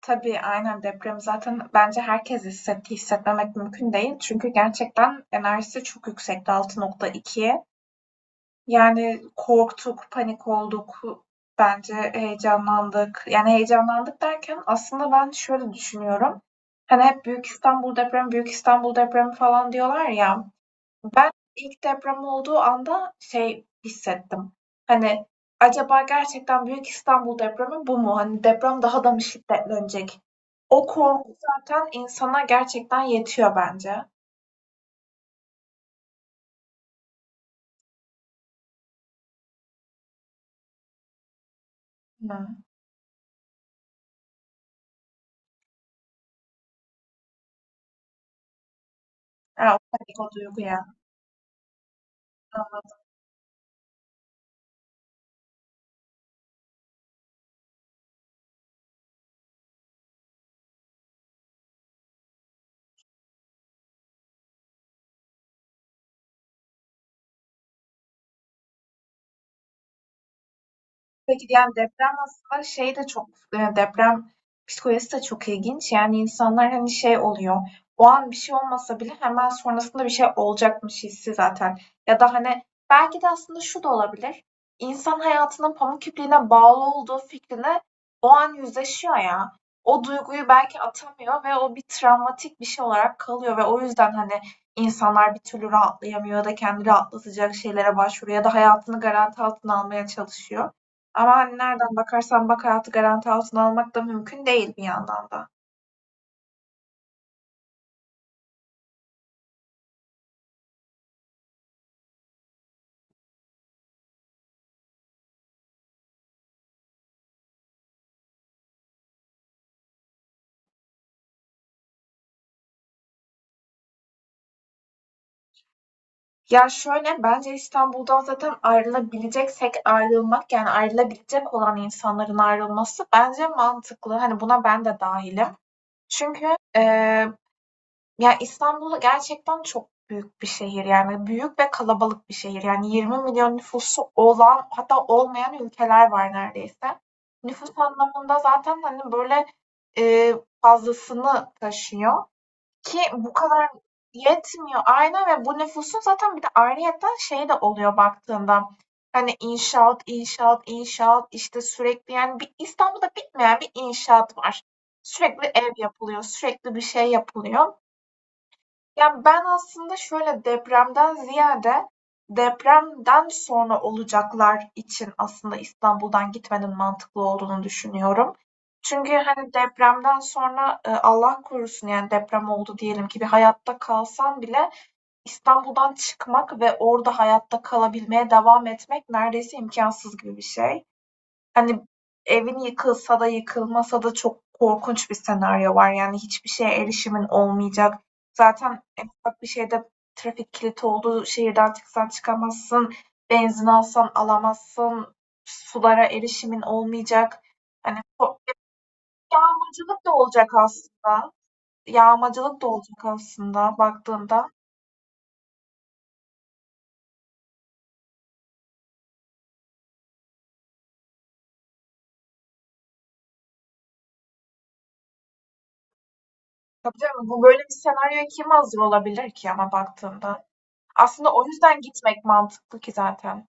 Tabii, aynen. Deprem zaten bence herkes hissetti. Hissetmemek mümkün değil. Çünkü gerçekten enerjisi çok yüksekti 6,2. Yani korktuk, panik olduk. Bence heyecanlandık. Yani heyecanlandık derken aslında ben şöyle düşünüyorum. Hani hep Büyük İstanbul depremi, Büyük İstanbul depremi falan diyorlar ya. Ben ilk deprem olduğu anda şey hissettim. Hani acaba gerçekten Büyük İstanbul depremi bu mu? Hani deprem daha da mı şiddetlenecek? O korku zaten insana gerçekten yetiyor bence. Hı. Ha, o panik, o duygu ya. Peki yani deprem aslında şey de çok deprem psikolojisi de çok ilginç. Yani insanlar hani şey oluyor. O an bir şey olmasa bile hemen sonrasında bir şey olacakmış hissi zaten. Ya da hani belki de aslında şu da olabilir. İnsan hayatının pamuk ipliğine bağlı olduğu fikrine o an yüzleşiyor ya. O duyguyu belki atamıyor ve o bir travmatik bir şey olarak kalıyor ve o yüzden hani insanlar bir türlü rahatlayamıyor ya da kendi rahatlatacak şeylere başvuruyor ya da hayatını garanti altına almaya çalışıyor. Ama hani nereden bakarsan bak hayatı garanti altına almak da mümkün değil bir yandan da. Ya şöyle bence İstanbul'dan zaten ayrılabileceksek ayrılmak yani ayrılabilecek olan insanların ayrılması bence mantıklı. Hani buna ben de dahilim. Çünkü e, ya, İstanbul gerçekten çok büyük bir şehir, yani büyük ve kalabalık bir şehir. Yani 20 milyon nüfusu olan hatta olmayan ülkeler var neredeyse. Nüfus anlamında zaten, hani, böyle, eee, fazlasını taşıyor ki bu kadar yetmiyor. Aynen. Ve bu nüfusun zaten bir de ayrıyeten şey de oluyor baktığında, hani, inşaat, inşaat, inşaat, işte, sürekli, yani, bir İstanbul'da bitmeyen bir inşaat var. Sürekli ev yapılıyor, sürekli bir şey yapılıyor. Ya, ben aslında şöyle, depremden ziyade depremden sonra olacaklar için aslında İstanbul'dan gitmenin mantıklı olduğunu düşünüyorum. Çünkü, hani, depremden sonra, Allah korusun, yani, deprem oldu diyelim ki bir hayatta kalsan bile İstanbul'dan çıkmak ve orada hayatta kalabilmeye devam etmek neredeyse imkansız gibi bir şey. Hani, evin yıkılsa da yıkılmasa da çok korkunç bir senaryo var. Yani, hiçbir şeye erişimin olmayacak. Zaten en ufak bir şeyde trafik kilidi oldu, şehirden çıksan çıkamazsın, benzin alsan alamazsın, sulara erişimin olmayacak. Hani, o yağmacılık da olacak aslında. Yağmacılık da olacak aslında baktığında. Tabii canım, bu böyle bir senaryoya kim hazır olabilir ki ama baktığında? Aslında o yüzden gitmek mantıklı ki zaten.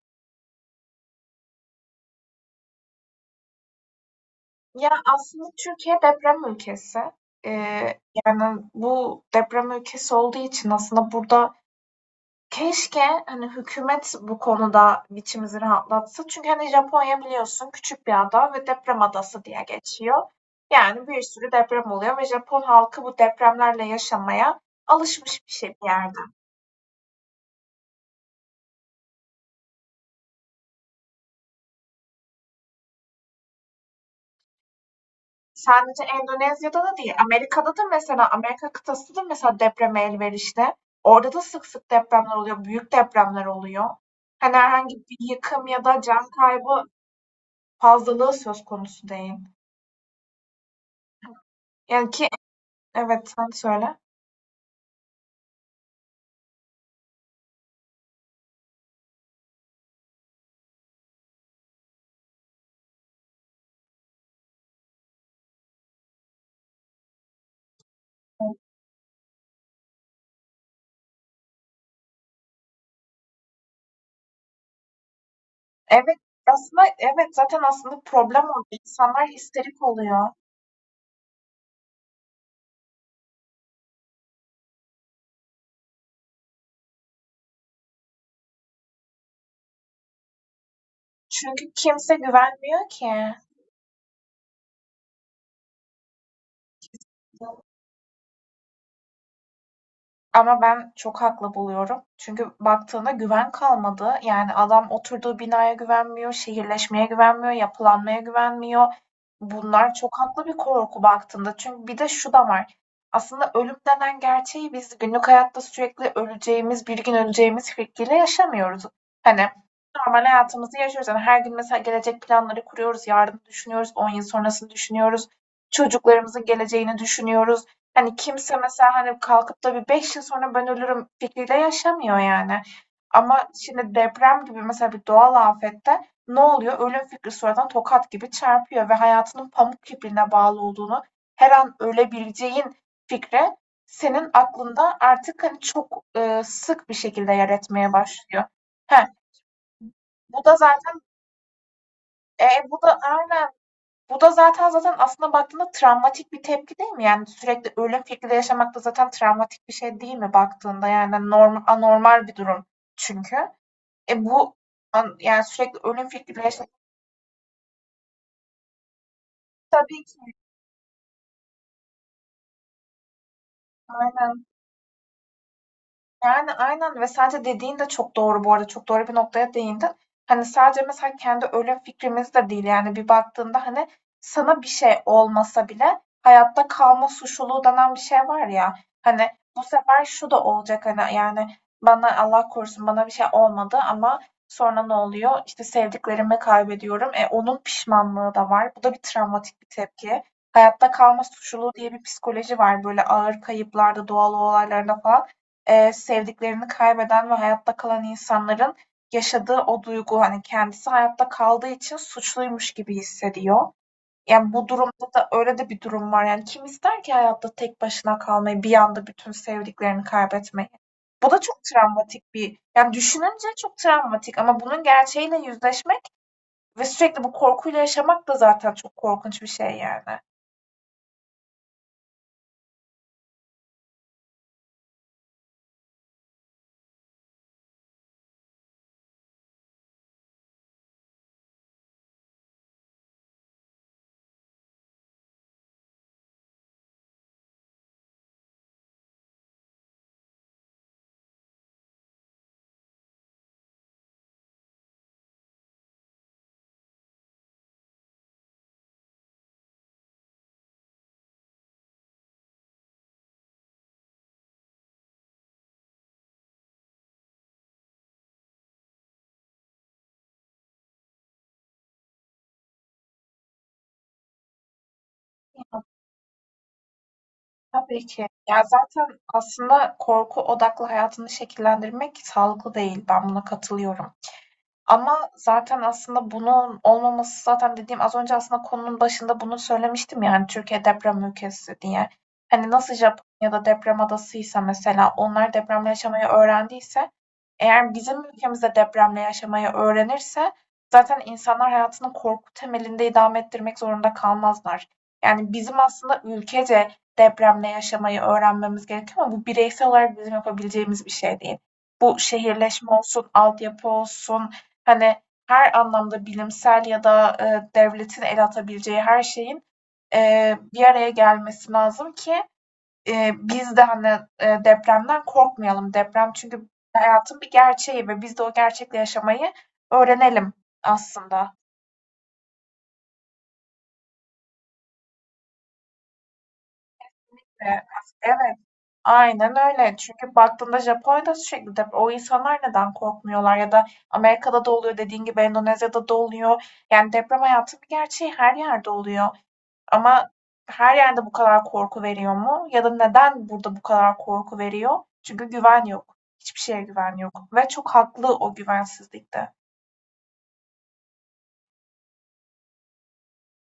Ya, aslında Türkiye deprem ülkesi. Eee, Yani bu deprem ülkesi olduğu için aslında burada keşke hani hükümet bu konuda biçimizi rahatlatsa. Çünkü hani Japonya biliyorsun küçük bir ada ve deprem adası diye geçiyor. Yani bir sürü deprem oluyor ve Japon halkı bu depremlerle yaşamaya alışmış bir şey bir yerde. Sadece Endonezya'da da değil, Amerika'da da mesela Amerika kıtası da mesela depreme elverişli. Orada da sık sık depremler oluyor, büyük depremler oluyor. Hani herhangi bir yıkım ya da can kaybı fazlalığı söz konusu değil. Yani ki evet, sen söyle. Evet, aslında evet zaten aslında problem orada. İnsanlar histerik oluyor. Çünkü kimse güvenmiyor ki. Ama ben çok haklı buluyorum. Çünkü baktığında güven kalmadı. Yani adam oturduğu binaya güvenmiyor, şehirleşmeye güvenmiyor, yapılanmaya güvenmiyor. Bunlar çok haklı bir korku baktığında. Çünkü bir de şu da var. Aslında ölüm denen gerçeği biz günlük hayatta sürekli öleceğimiz, bir gün öleceğimiz fikriyle yaşamıyoruz. Hani normal hayatımızı yaşıyoruz. Yani her gün mesela gelecek planları kuruyoruz, yarını düşünüyoruz, 10 yıl sonrasını düşünüyoruz, çocuklarımızın geleceğini düşünüyoruz. Hani kimse mesela hani kalkıp da bir 5 yıl sonra ben ölürüm fikriyle yaşamıyor yani. Ama şimdi deprem gibi mesela bir doğal afette ne oluyor? Ölüm fikri sonradan tokat gibi çarpıyor ve hayatının pamuk ipliğine bağlı olduğunu, her an ölebileceğin fikri senin aklında artık hani çok sık bir şekilde yer etmeye başlıyor. He, Bu da zaten e, bu da aynen bu da zaten aslında baktığında travmatik bir tepki değil mi? Yani sürekli ölüm fikriyle yaşamak da zaten travmatik bir şey değil mi baktığında? Yani normal anormal bir durum çünkü. E bu Yani sürekli ölüm fikriyle yaşamak tabii ki aynen. Yani, aynen ve sadece dediğin de çok doğru bu arada. Çok doğru bir noktaya değindin. Hani, sadece mesela kendi ölüm fikrimiz de değil, yani, bir baktığında, hani, sana bir şey olmasa bile hayatta kalma suçluluğu denen bir şey var ya, hani, bu sefer şu da olacak, hani, yani, bana Allah korusun bana bir şey olmadı ama sonra ne oluyor? İşte, sevdiklerimi kaybediyorum. Onun pişmanlığı da var. Bu da bir travmatik bir tepki. Hayatta kalma suçluluğu diye bir psikoloji var, böyle, ağır kayıplarda, doğal olaylarda falan. Sevdiklerini kaybeden ve hayatta kalan insanların yaşadığı o duygu, hani, kendisi hayatta kaldığı için suçluymuş gibi hissediyor. Yani, bu durumda da öyle de bir durum var. Yani, kim ister ki hayatta tek başına kalmayı, bir anda bütün sevdiklerini kaybetmeyi? Bu da çok travmatik bir. Yani, düşününce çok travmatik ama bunun gerçeğiyle yüzleşmek ve sürekli bu korkuyla yaşamak da zaten çok korkunç bir şey yani. Tabii ki. Ya, zaten aslında korku odaklı hayatını şekillendirmek sağlıklı değil. Ben buna katılıyorum. Ama zaten aslında bunun olmaması zaten dediğim az önce aslında konunun başında bunu söylemiştim yani Türkiye deprem ülkesi diye. Hani, nasıl Japonya'da deprem adasıysa mesela onlar depremle yaşamayı öğrendiyse eğer bizim ülkemizde depremle yaşamayı öğrenirse zaten insanlar hayatını korku temelinde idame ettirmek zorunda kalmazlar. Yani, bizim aslında ülkece depremle yaşamayı öğrenmemiz gerekiyor ama bu bireysel olarak bizim yapabileceğimiz bir şey değil. Bu şehirleşme olsun, altyapı olsun, hani, her anlamda bilimsel ya da devletin el atabileceği her şeyin bir araya gelmesi lazım ki biz de, hani, depremden korkmayalım. Deprem çünkü hayatın bir gerçeği ve biz de o gerçekle yaşamayı öğrenelim aslında. Eee, evet, aynen öyle. Çünkü baktığında Japonya'da sürekli deprem. O insanlar neden korkmuyorlar ya da Amerika'da da oluyor, dediğin gibi Endonezya'da da oluyor. Yani deprem hayatın bir gerçeği, her yerde oluyor. Ama her yerde bu kadar korku veriyor mu? Ya da neden burada bu kadar korku veriyor? Çünkü güven yok. Hiçbir şeye güven yok ve çok haklı o güvensizlikte.